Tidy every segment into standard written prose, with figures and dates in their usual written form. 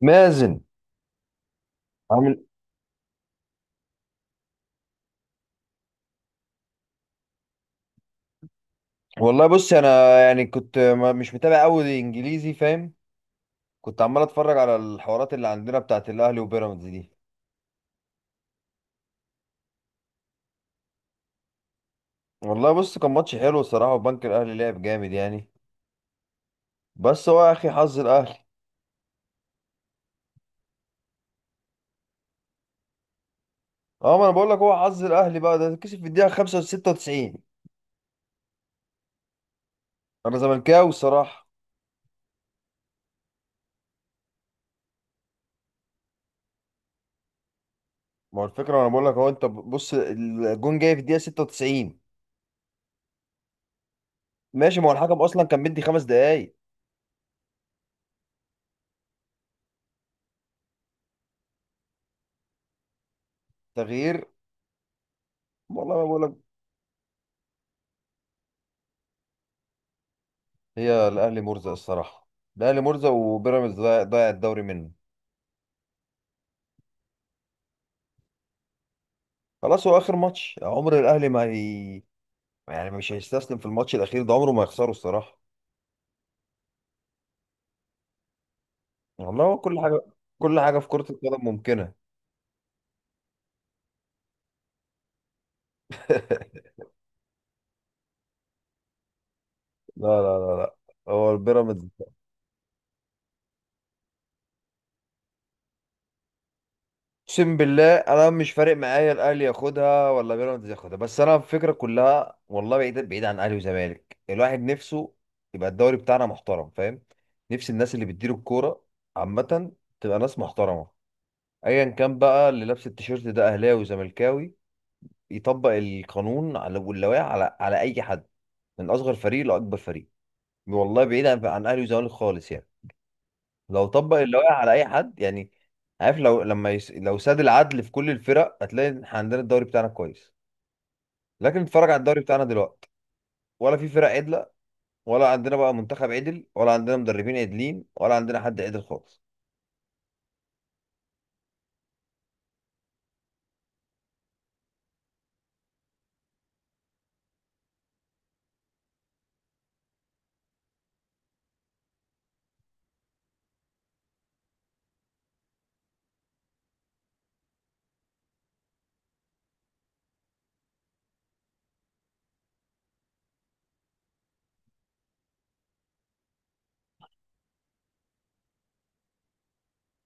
مازن، عامل؟ والله، بص. انا يعني كنت مش متابع قوي انجليزي، فاهم؟ كنت عمال اتفرج على الحوارات اللي عندنا بتاعت الاهلي وبيراميدز دي. والله، بص. كان ماتش حلو الصراحه، وبنك الاهلي لعب جامد يعني. بس هو يا اخي، حظ الاهلي. اه، ما انا بقول لك، هو حظ الاهلي بقى، ده كسب في الدقيقه 95. انا زملكاوي الصراحه. ما هو الفكره، انا بقول لك. هو انت بص، الجون جاي في الدقيقه 96. ماشي. ما هو الحكم اصلا كان مدي 5 دقايق. تغيير. والله ما بقول لك. هي الاهلي مرزق الصراحه. الاهلي مرزق وبيراميدز ضايع، ضايع الدوري منه. خلاص هو اخر ماتش عمر الاهلي، ما هي. يعني مش هيستسلم في الماتش الاخير ده، عمره ما يخسره الصراحه. والله، هو كل حاجه. كل حاجه في كره القدم ممكنه. لا، لا، لا، لا، هو البيراميدز. اقسم بالله انا مش فارق معايا الاهلي ياخدها ولا بيراميدز ياخدها. بس انا الفكره كلها، والله، بعيد بعيد عن اهلي وزمالك، الواحد نفسه. يبقى الدوري بتاعنا محترم، فاهم؟ نفس الناس اللي بتدير الكوره عامه، تبقى ناس محترمه. ايا كان بقى اللي لابس التيشيرت ده، اهلاوي وزملكاوي، يطبق القانون على واللوائح على اي حد، من اصغر فريق لاكبر فريق. والله بعيد عن اهلي وزمالك خالص يعني، لو طبق اللوائح على اي حد يعني. عارف، لو لما لو ساد العدل في كل الفرق، هتلاقي إن إحنا عندنا الدوري بتاعنا كويس. لكن اتفرج على الدوري بتاعنا دلوقتي، ولا في فرق عدله، ولا عندنا بقى منتخب عدل، ولا عندنا مدربين عدلين، ولا عندنا حد عدل خالص.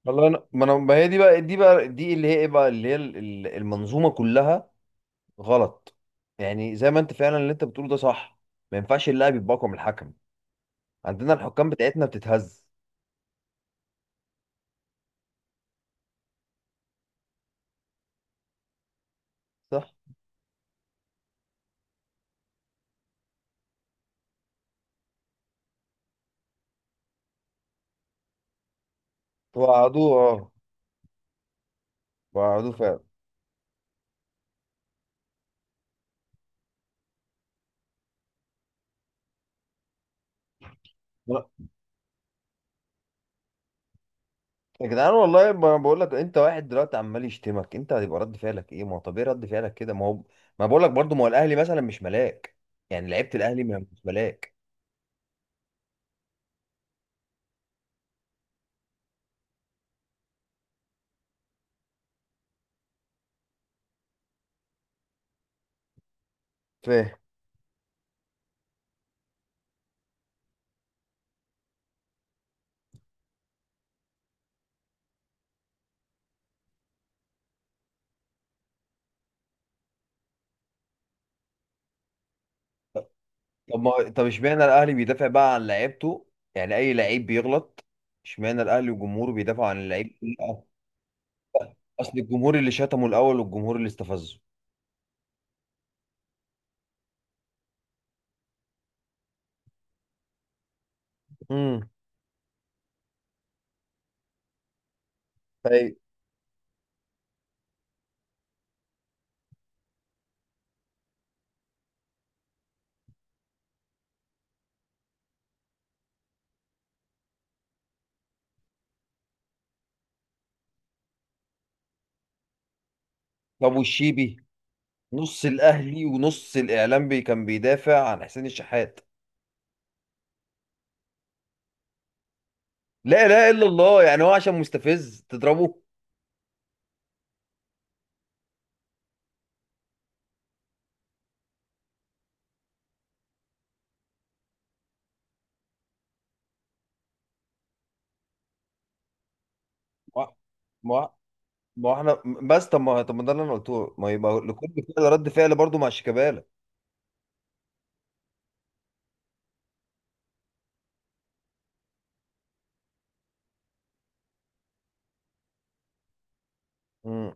والله انا، ما انا ما هي دي اللي هي ايه بقى، اللي هي المنظومه كلها غلط. يعني زي ما انت فعلا، اللي انت بتقوله ده صح. ما ينفعش اللاعب يبقى اقوى من الحكم. عندنا الحكام بتاعتنا بتتهز. صح. وقعدوه. اه. وقعدوه فعلا. لا. يا جدعان، والله ما بقول لك، انت واحد دلوقتي عمال يشتمك انت، هيبقى رد فعلك ايه؟ ما هو طبيعي رد فعلك كده، ما هو. ما بقول لك برضه، ما هو الاهلي مثلا مش ملاك. يعني لعيبه الاهلي مش ملاك، فاهم؟ طب ما، طب، اشمعنى الاهلي بيدافع بقى عن لعيبته؟ يعني اي لعيب بيغلط. اشمعنى الاهلي وجمهوره بيدافعوا عن اللعيب؟ اصل الجمهور اللي شتمه الاول، والجمهور اللي استفزه. امم، طيب. طب، والشيبي. نص الاهلي ونص الاعلام بي كان بيدافع عن حسين الشحات. لا، لا، الا الله، يعني هو عشان مستفز تضربه؟ ما ما ما احنا بس، طب ما، طب، ما ده اللي انا قلته، ما يبقى لكل فعل رد فعل برضه مع شيكابالا. امم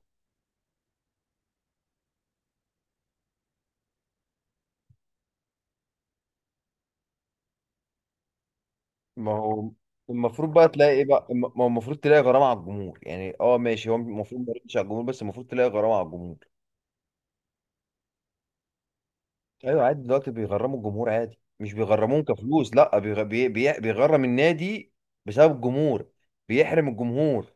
ما هو المفروض بقى تلاقي ايه بقى، ما هو المفروض تلاقي غرامه على الجمهور. يعني اه ماشي، هو المفروض ما يردش على الجمهور، بس المفروض تلاقي غرامه على الجمهور. ايوه عادي، دلوقتي بيغرموا الجمهور عادي، مش بيغرموهم كفلوس، لا بيغرم النادي بسبب الجمهور، بيحرم الجمهور.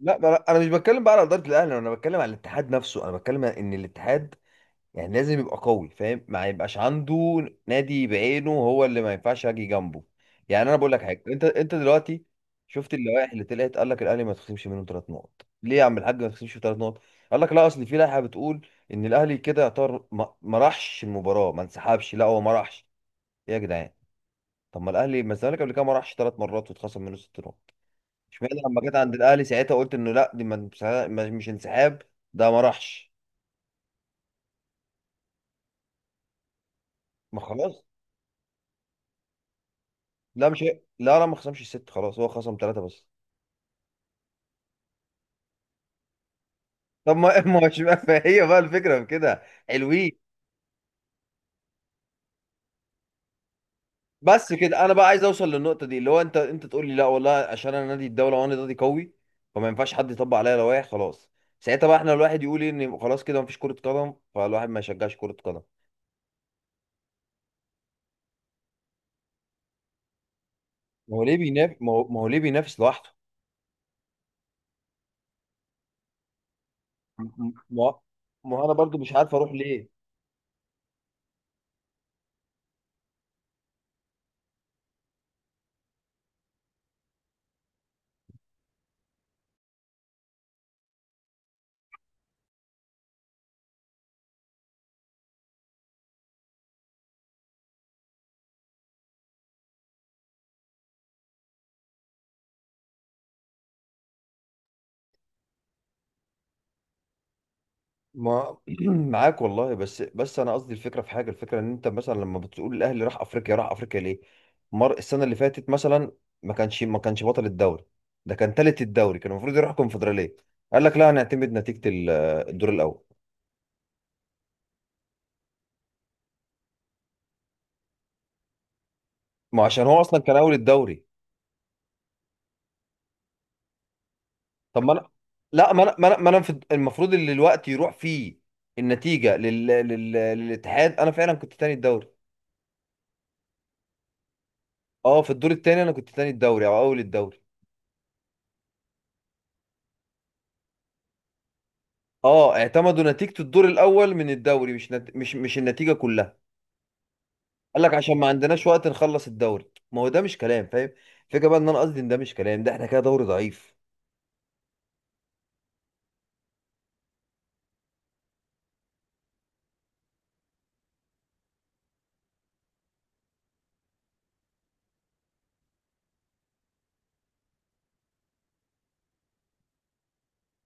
لا، لا، انا مش بتكلم بقى على اداره الاهلي، انا بتكلم على الاتحاد نفسه. انا بتكلم ان الاتحاد يعني لازم يبقى قوي، فاهم؟ ما يبقاش عنده نادي بعينه هو اللي ما ينفعش اجي جنبه. يعني انا بقول لك حاجه. انت دلوقتي، شفت اللوائح اللي طلعت؟ قال لك الاهلي ما تخصمش منه 3 نقط، ليه يا عم الحاج ما تخصمش 3 نقط؟ قال لك لا، اصل في لائحه بتقول ان الاهلي كده يعتبر ما راحش المباراه، ما انسحبش لا، هو ما راحش. إيه يا جدعان؟ طب ما الاهلي، ما الزمالك قبل كده ما راحش 3 مرات واتخصم منه 6 نقط؟ اشمعنى لما جت عند الاهلي ساعتها قلت انه لا، دي مش انسحاب، ده ما راحش. ما خلاص. لا مش هي- لا، لا، ما خصمش الست، خلاص هو خصم ثلاثة بس. طب ما ما هوش بقى، فهي بقى الفكرة في كده، حلوين. بس كده انا بقى عايز اوصل للنقطة دي اللي هو انت تقول لي لا والله عشان انا نادي الدولة وانا نادي قوي. فما ينفعش حد يطبق عليا لوائح، خلاص. ساعتها بقى احنا الواحد يقول إيه، ان خلاص كده مفيش كرة قدم، فالواحد ما يشجعش كرة قدم. ما هو ليه بينافس؟ ما هو ليه بينافس لوحده؟ ما ما هو انا برضو مش عارف اروح ليه. ما معاك والله، بس انا قصدي الفكره في حاجه، الفكره ان انت مثلا لما بتقول الاهلي راح افريقيا، راح افريقيا ليه؟ مر السنه اللي فاتت مثلا ما كانش بطل الدوري، ده كان تالت الدوري، كان المفروض يروح الكونفدراليه. قال لك لا، هنعتمد نتيجه الدور الاول. ما عشان هو اصلا كان اول الدوري. طب ما انا، لا ما انا ما انا ما أنا في- المفروض اللي الوقت يروح فيه، النتيجه للاتحاد، انا فعلا كنت تاني الدوري. اه، في الدور التاني انا كنت تاني الدوري او اول الدوري. اه، اعتمدوا نتيجة الدور الأول من الدوري، مش نت... مش مش النتيجة كلها. قال لك عشان ما عندناش وقت نخلص الدوري، ما هو ده مش كلام، فاهم؟ الفكرة بقى، ان انا قصدي ان ده مش كلام، ده احنا كده دوري ضعيف.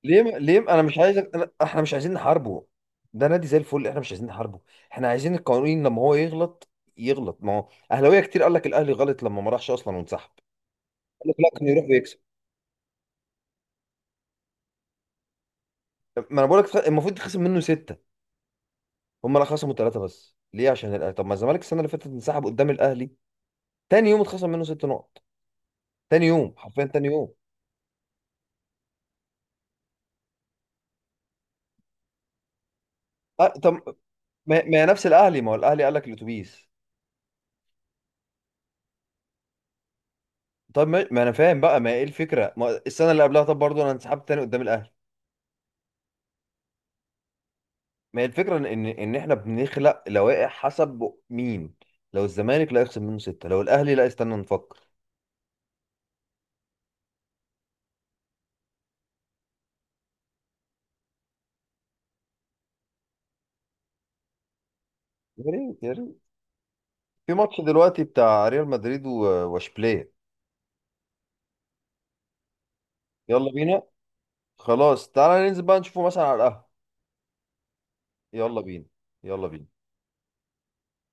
ليه م... ليه م- انا مش عايز أنا... احنا مش عايزين نحاربه. ده نادي زي الفل، احنا مش عايزين نحاربه. احنا عايزين القانون، لما هو يغلط يغلط. ما هو اهلاويه كتير قال لك الاهلي غلط لما ما راحش اصلا وانسحب. قال لك لا، كان يروح ويكسب. ما انا بقول لك المفروض تخصم منه ستة. هم لا، خصموا ثلاثة بس، ليه؟ عشان الأهلي. طب ما الزمالك السنة اللي فاتت انسحب قدام الاهلي، تاني يوم اتخصم منه 6 نقط، تاني يوم، حرفيا تاني يوم. أه طب، ما هي نفس الاهلي، ما هو الاهلي قال لك الاتوبيس. طب ما انا فاهم بقى، ما هي ايه الفكره، ما السنه اللي قبلها طب برضه انا انسحبت تاني قدام الاهلي. ما هي الفكره ان إن احنا بنخلق لوائح حسب مين؟ لو الزمالك، لا يخصم منه سته. لو الاهلي، لا، استنى نفكر. يا ريت، يا ريت. في ماتش دلوقتي بتاع ريال مدريد واشبيليه. يلا بينا. خلاص، تعالى ننزل بقى نشوفه مثلا على القهوه. يلا بينا، يلا بينا.